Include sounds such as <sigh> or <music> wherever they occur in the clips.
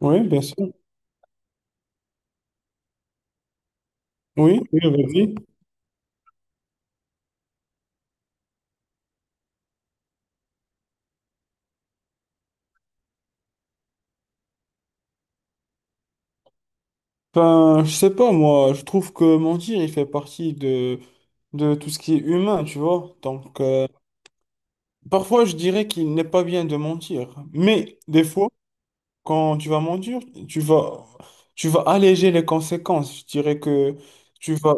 Oui, bien sûr. Oui, oui, vas-y. Enfin, je sais pas, moi, je trouve que mentir, il fait partie de tout ce qui est humain, tu vois. Donc, parfois, je dirais qu'il n'est pas bien de mentir. Mais des fois, quand tu vas mentir, tu vas, tu vas alléger les conséquences. Je dirais que tu vas,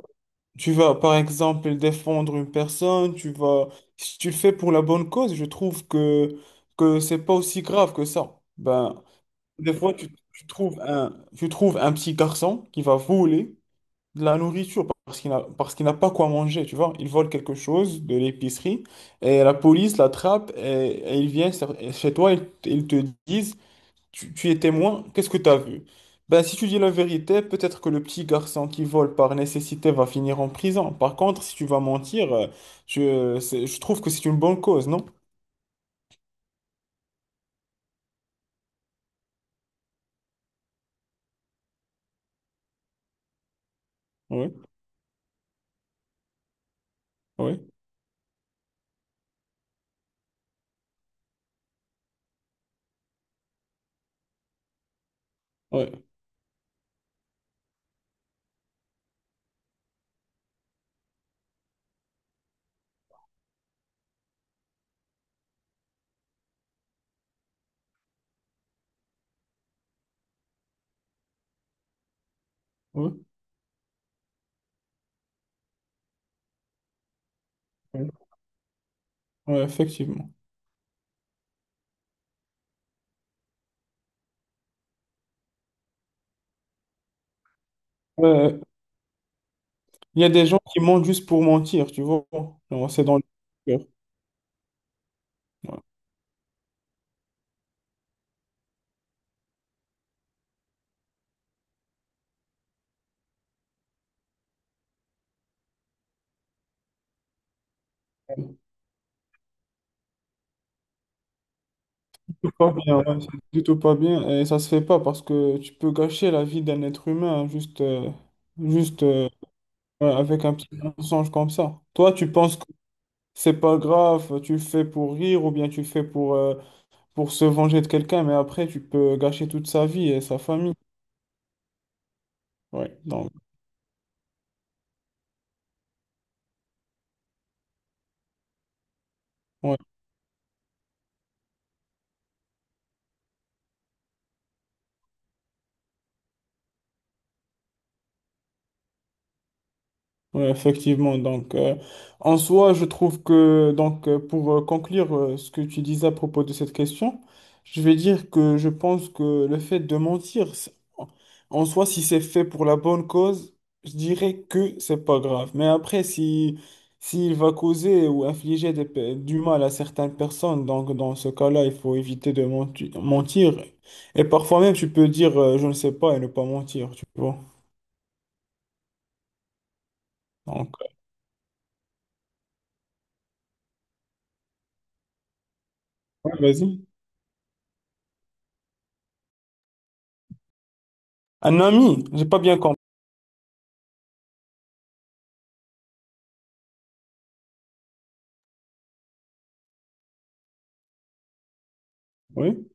tu vas, par exemple, défendre une personne, si tu le fais pour la bonne cause, je trouve que c'est pas aussi grave que ça. Ben, des fois, tu trouves tu trouves un petit garçon qui va voler de la nourriture parce qu'il n'a pas quoi manger, tu vois. Il vole quelque chose de l'épicerie et la police l'attrape et il vient chez toi et ils te disent, tu es témoin, qu'est-ce que tu as vu? Ben, si tu dis la vérité, peut-être que le petit garçon qui vole par nécessité va finir en prison. Par contre, si tu vas mentir, je trouve que c'est une bonne cause, non? Oui, oui, oui, oui, oui, oui, effectivement. Ouais, il y a des gens qui mentent juste pour mentir, tu vois. Genre, c'est dans le cœur. Ouais. C'est pas bien, ouais, c'est du tout pas bien. Et ça se fait pas parce que tu peux gâcher la vie d'un être humain hein, juste, juste ouais, avec un petit mensonge comme ça. Toi, tu penses que c'est pas grave, tu le fais pour rire ou bien tu le fais pour se venger de quelqu'un, mais après, tu peux gâcher toute sa vie et sa famille. Ouais, donc, ouais. Oui, effectivement. Donc, en soi, je trouve que, donc, pour conclure ce que tu disais à propos de cette question, je vais dire que je pense que le fait de mentir, en en soi, si c'est fait pour la bonne cause, je dirais que c'est pas grave. Mais après, si, s'il va causer ou infliger du mal à certaines personnes, donc, dans ce cas-là, il faut éviter de mentir. Et parfois même, tu peux dire, je ne sais pas et ne pas mentir, tu vois. Donc, ouais, vas-y. Un ami, j'ai pas bien compris. Oui.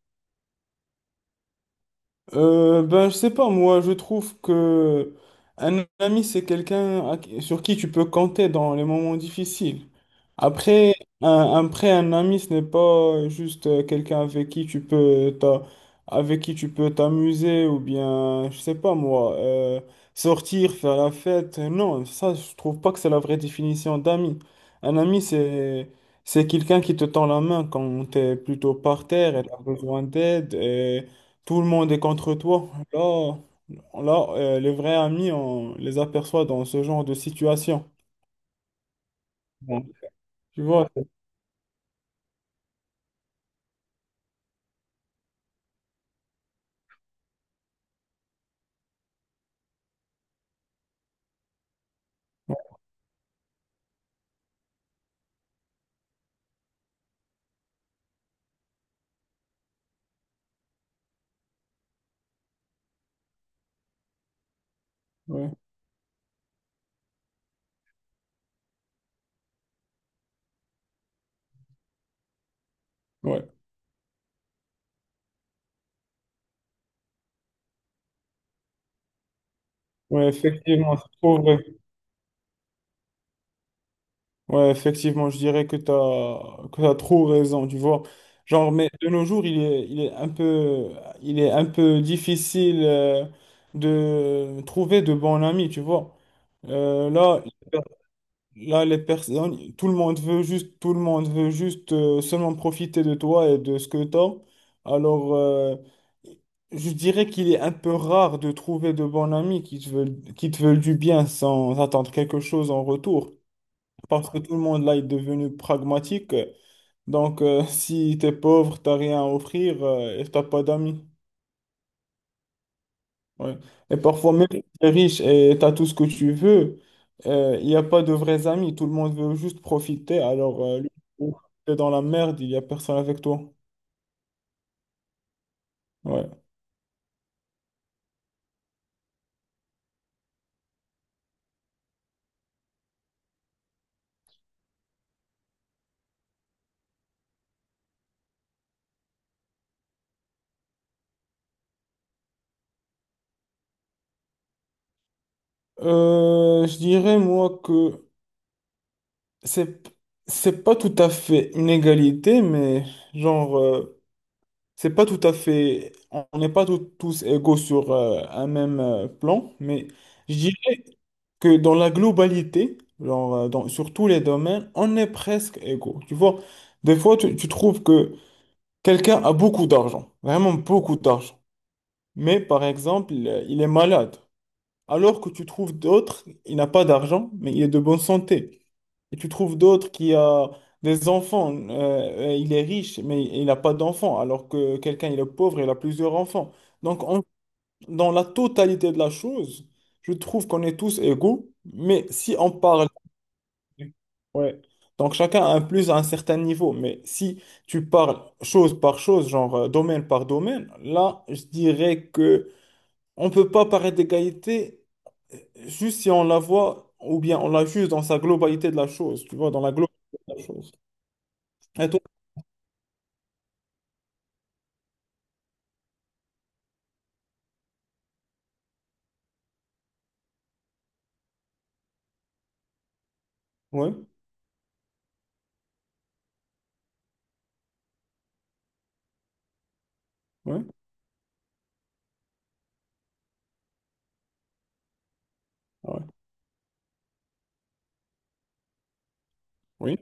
Ben, je sais pas, moi, je trouve que un ami, c'est sur qui tu peux compter dans les moments difficiles. Après après, un ami, ce n'est pas juste quelqu'un avec qui tu peux t'a- avec qui tu peux t'amuser ou bien, je sais pas moi, sortir, faire la fête. Non, ça, je trouve pas que c'est la vraie définition d'ami. Un ami, c'est quelqu'un qui te tend la main quand tu es plutôt par terre et tu as besoin d'aide et tout le monde est contre toi. Là, les vrais amis, on les aperçoit dans ce genre de situation. Bon. Tu vois? Ouais. Ouais. Ouais, effectivement, c'est trop vrai. Ouais, effectivement, je dirais que que t'as trop raison, tu vois. Genre, mais de nos jours, il est un peu difficile de trouver de bons amis, tu vois. Euh, là, là, les personnes, tout le monde veut juste seulement profiter de toi et de ce que tu as. Alors, je dirais qu'il est un peu rare de trouver de bons amis qui te veulent du bien sans attendre quelque chose en retour. Parce que tout le monde là est devenu pragmatique. Donc, <laughs> si t'es pauvre, t'as rien à offrir et t'as pas d'amis. Ouais. Et parfois, même si t'es riche et t'as tout ce que tu veux, il n'y a pas de vrais amis. Tout le monde veut juste profiter. Alors, le jour où t'es dans la merde, il n'y a personne avec toi. Ouais. Je dirais, moi, c'est, c'est pas tout à fait une égalité, mais genre. C'est pas tout à fait, on n'est pas tous égaux sur un même plan, mais je dirais que dans la globalité, genre, sur tous les domaines, on est presque égaux. Tu vois, des fois, tu trouves que quelqu'un a beaucoup d'argent, vraiment beaucoup d'argent, mais par exemple, il est malade, alors que tu trouves d'autres, il n'a pas d'argent, mais il est de bonne santé. Et tu trouves d'autres qui a des enfants, il est riche, mais il n'a pas d'enfants, alors que quelqu'un, il est pauvre, il a plusieurs enfants. Donc, on- dans la totalité de la chose, je trouve qu'on est tous égaux, mais si on parle... Ouais. Donc, chacun a un plus à un certain niveau, mais si tu parles chose par chose, genre domaine par domaine, là, je dirais que on peut pas parler d'égalité euh, juste si on la voit ou bien on la juge dans sa globalité de la chose, tu vois, dans la globalité de la chose. Et toi? Ouais, ouais, ouais, oui.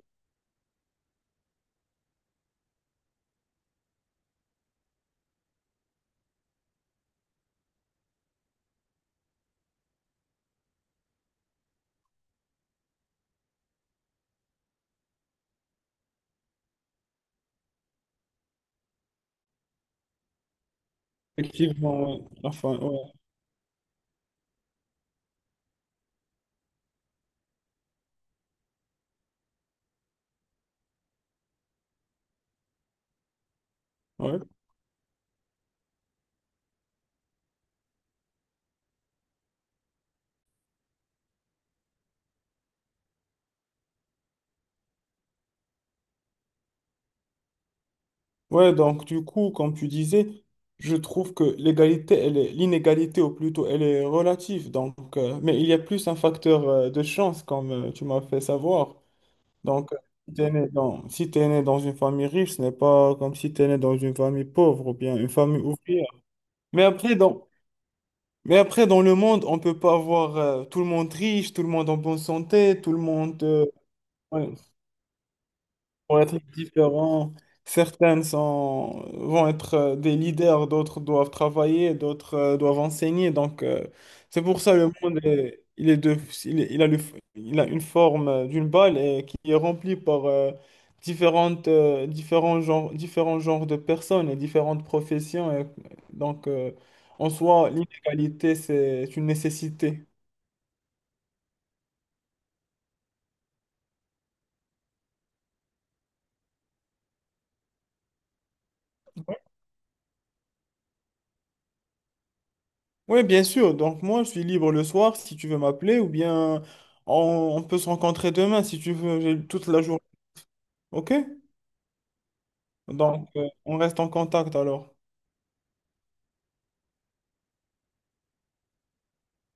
Effectivement, ouais. Enfin, ouais, ouais. Ouais, donc du coup, comme tu disais, je trouve que l'inégalité, ou plutôt, elle est relative. Donc, mais il y a plus un facteur de chance, comme tu m'as fait savoir. Donc, si t'es né dans une famille riche, ce n'est pas comme si t'es né dans une famille pauvre ou bien une famille ouvrière. Mais après, dans, mais après, dans le monde, on peut pas avoir tout le monde riche, tout le monde en bonne santé, tout le monde. Ouais vont être différents. Vont être des leaders, d'autres doivent travailler, d'autres doivent enseigner. Donc, c'est pour ça le monde il, est- il a le, il a une forme d'une balle et qui est remplie par différents genres de personnes et différentes professions. Et donc, en soi, l'inégalité, c'est une nécessité. Oui, bien sûr. Donc moi, je suis libre le soir si tu veux m'appeler ou bien on peut se rencontrer demain si tu veux, j'ai toute la journée. OK? Donc on reste en contact alors.